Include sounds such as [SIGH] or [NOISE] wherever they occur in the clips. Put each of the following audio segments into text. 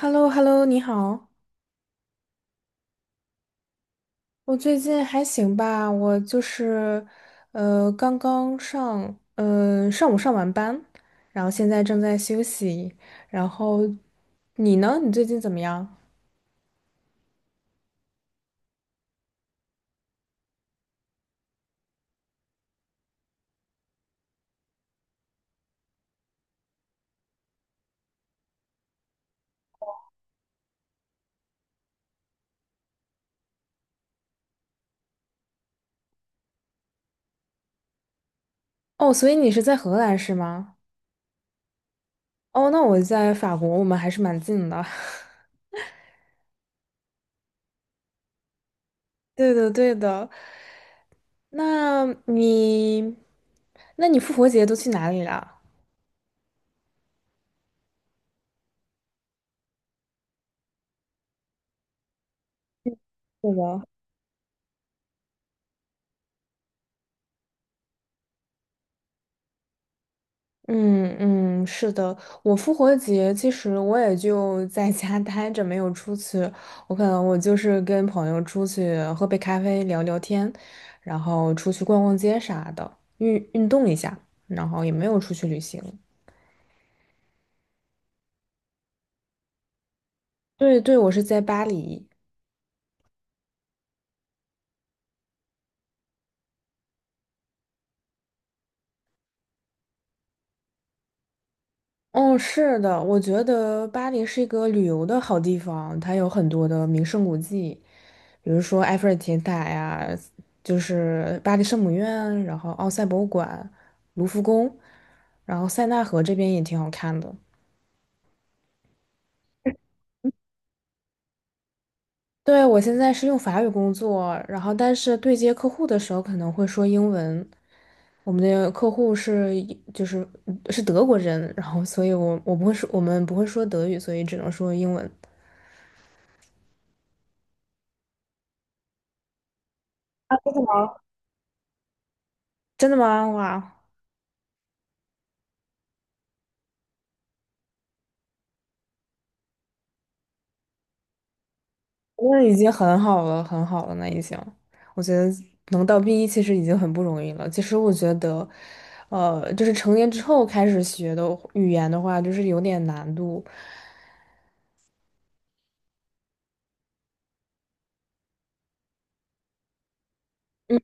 h e l l o h e l l o 你好。我最近还行吧，我就是，刚刚上，呃，上午上完班，然后现在正在休息。然后你呢？你最近怎么样？哦，所以你是在荷兰是吗？哦，那我在法国，我们还是蛮近的。[LAUGHS] 对的，对的。那你，那你复活节都去哪里了？对的。嗯嗯，是的，我复活节其实我也就在家待着，没有出去。我可能我就是跟朋友出去喝杯咖啡聊聊天，然后出去逛逛街啥的，运动一下，然后也没有出去旅行。对对，我是在巴黎。哦，是的，我觉得巴黎是一个旅游的好地方，它有很多的名胜古迹，比如说埃菲尔铁塔呀，就是巴黎圣母院，然后奥赛博物馆、卢浮宫，然后塞纳河这边也挺好看的。对，我现在是用法语工作，然后但是对接客户的时候可能会说英文。我们的客户就是是德国人，然后所以我们不会说德语，所以只能说英文。真的吗？哇！那已经很好了，很好了，那已经，我觉得能到 B1其实已经很不容易了。其实我觉得，就是成年之后开始学的语言的话，就是有点难度。嗯，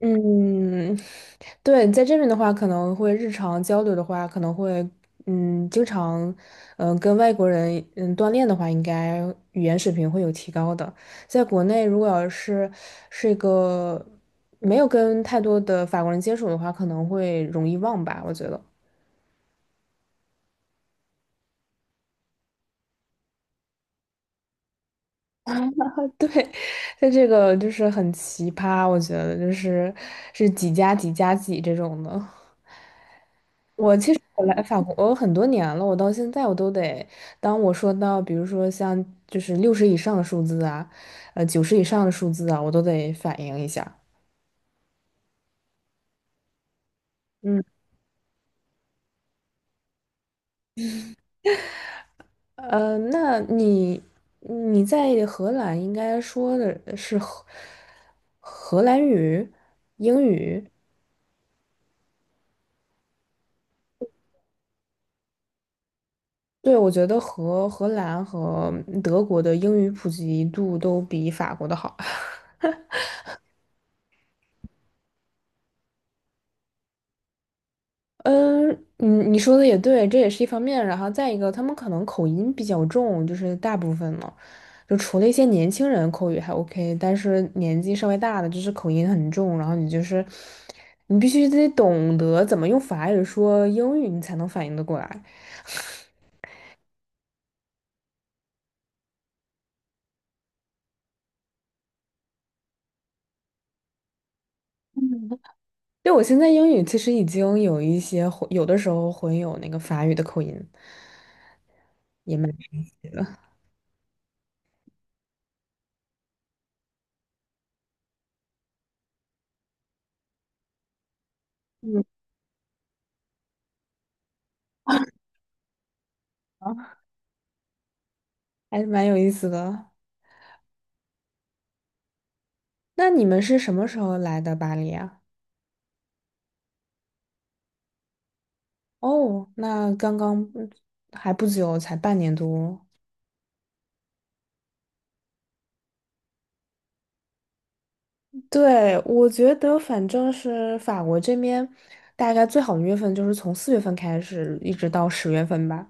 嗯对，你在这边的话，可能会日常交流的话，可能会，经常，跟外国人，锻炼的话，应该语言水平会有提高的。在国内，如果要是是一个没有跟太多的法国人接触的话，可能会容易忘吧，我觉得。[LAUGHS] 对，在这个就是很奇葩，我觉得就是是几加几加几这种的。我来法国我很多年了，我到现在我都得，当我说到比如说像就是60以上的数字啊，90以上的数字啊，我都得反应一下。嗯，那你在荷兰应该说的是荷兰语、英语，对，我觉得荷兰和德国的英语普及度都比法国的好。嗯，你说的也对，这也是一方面。然后再一个，他们可能口音比较重，就是大部分呢，就除了一些年轻人口语还 OK,但是年纪稍微大的，就是口音很重。然后你就是，你必须得懂得怎么用法语说英语，你才能反应得过来。对，我现在英语其实已经有一些混有的时候混有那个法语的口音，也蛮 [LAUGHS]，还是蛮有意思的。那你们是什么时候来的巴黎啊？哦，那刚刚还不久，才半年多。对，我觉得反正是法国这边，大概最好的月份就是从4月份开始，一直到10月份吧。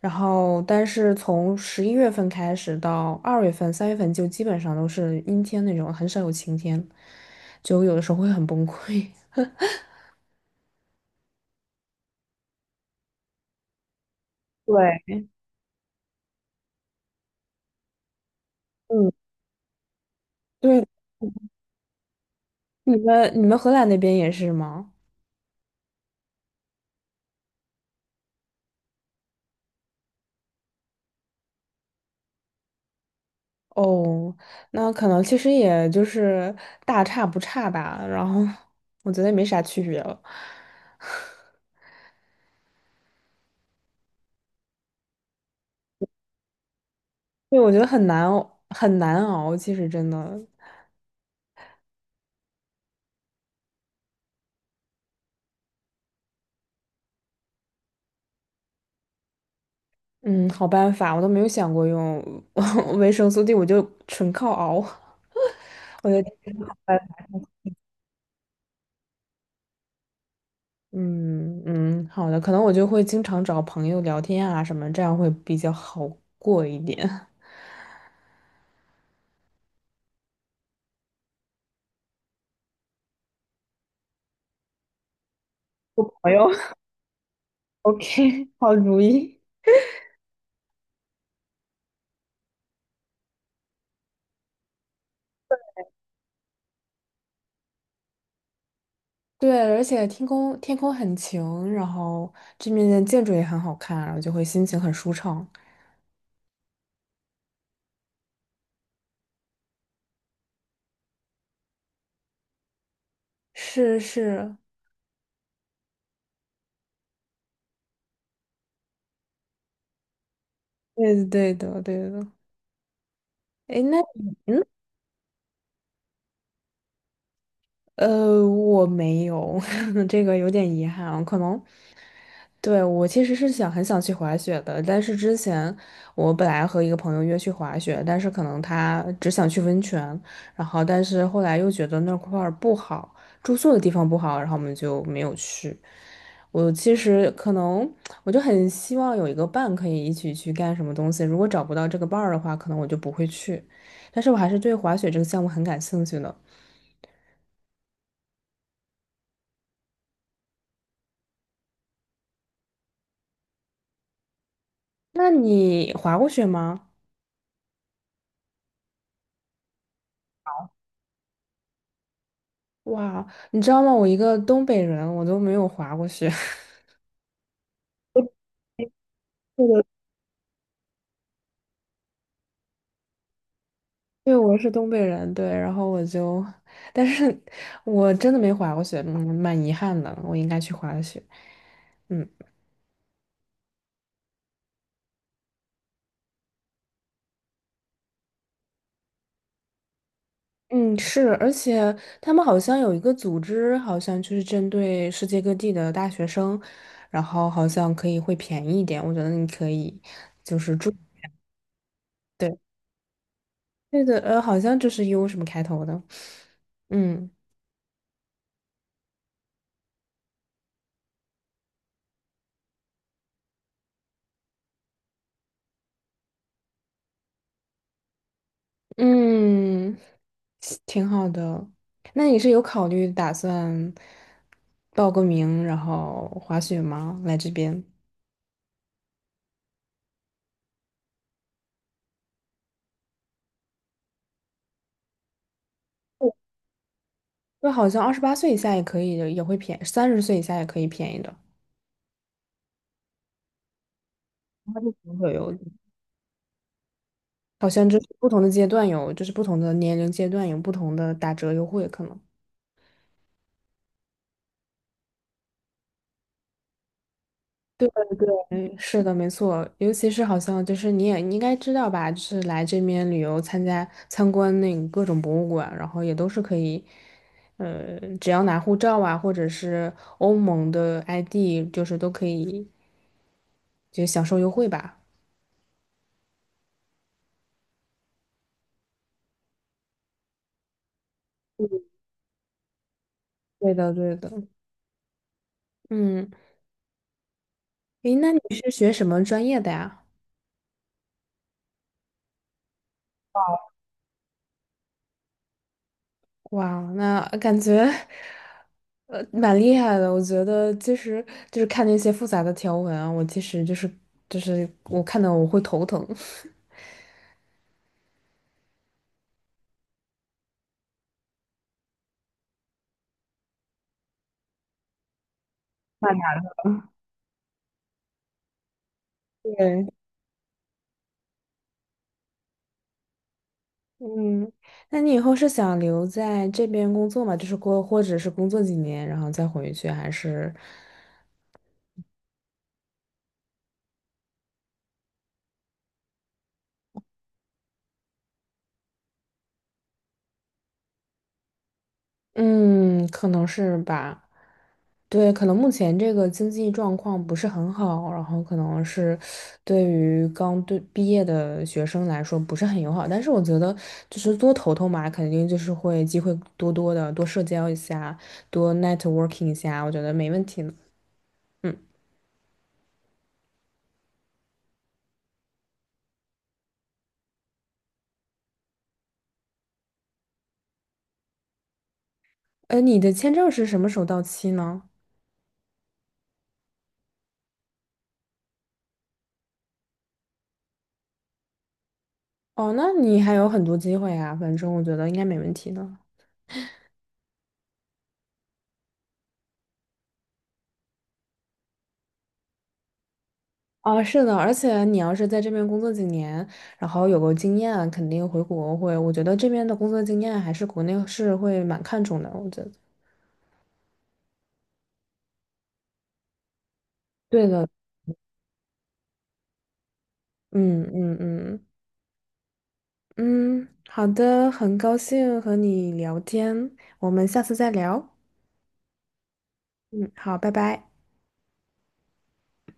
然后，但是从11月份开始到2月份、3月份就基本上都是阴天那种，很少有晴天，就有的时候会很崩溃。[LAUGHS] 对，嗯，对，你们荷兰那边也是吗？哦，那可能其实也就是大差不差吧，然后我觉得也没啥区别了。[LAUGHS] 对，我觉得很难熬，很难熬，其实真的，嗯，好办法，我都没有想过用 [LAUGHS] 维生素 D,我就纯靠熬。我觉得，嗯嗯，好的，可能我就会经常找朋友聊天啊什么，这样会比较好过一点。[LAUGHS] 我朋友 [LAUGHS]，OK,好主意。对，而且天空很晴，然后这面的建筑也很好看，然后就会心情很舒畅。是是，对的对的对的。哎，那嗯我没有，[LAUGHS] 这个有点遗憾啊，可能对，我其实是想很想去滑雪的，但是之前我本来和一个朋友约去滑雪，但是可能他只想去温泉，然后但是后来又觉得那块儿不好，住宿的地方不好，然后我们就没有去。我其实可能我就很希望有一个伴可以一起去干什么东西，如果找不到这个伴儿的话，可能我就不会去。但是我还是对滑雪这个项目很感兴趣的。那你滑过雪吗？哇，你知道吗？我一个东北人，我都没有滑过雪。[LAUGHS] 对，我是东北人，对，然后我就，但是我真的没滑过雪，嗯，蛮遗憾的，我应该去滑雪。嗯嗯，是，而且他们好像有一个组织，好像就是针对世界各地的大学生，然后好像可以会便宜一点，我觉得你可以，对，对个，好像就是 U 什么开头的，嗯。嗯，挺好的。那你是有考虑打算报个名，然后滑雪吗？来这边，这好像28岁以下也可以，也会便宜，30岁以下也可以便宜的。它是不会有，好像就是不同的阶段有，就是不同的年龄阶段有不同的打折优惠可能。对。嗯，是的，没错，尤其是好像就是你应该知道吧，就是来这边旅游参观那个各种博物馆，然后也都是可以，只要拿护照啊，或者是欧盟的 ID,就是都可以就享受优惠吧。对的，对的。嗯，诶，那你是学什么专业的呀？哇，那感觉蛮厉害的。我觉得其实就是看那些复杂的条文啊，我其实就是我看到我会头疼。[LAUGHS] 对，嗯，那你以后是想留在这边工作嘛？就是过，或者是工作几年，然后再回去，还是，嗯，可能是吧。对，可能目前这个经济状况不是很好，然后可能是对于刚对毕业的学生来说不是很友好。但是我觉得，就是多投投嘛，肯定就是会机会多多的，多社交一下，多 networking 一下，我觉得没问题呢。嗯，你的签证是什么时候到期呢？哦，那你还有很多机会啊，反正我觉得应该没问题的。啊，是的，而且你要是在这边工作几年，然后有个经验啊，肯定回国会，我觉得这边的工作经验还是国内是会蛮看重的，我觉得。对的，嗯嗯嗯嗯，好的，很高兴和你聊天，我们下次再聊。嗯，好，拜拜。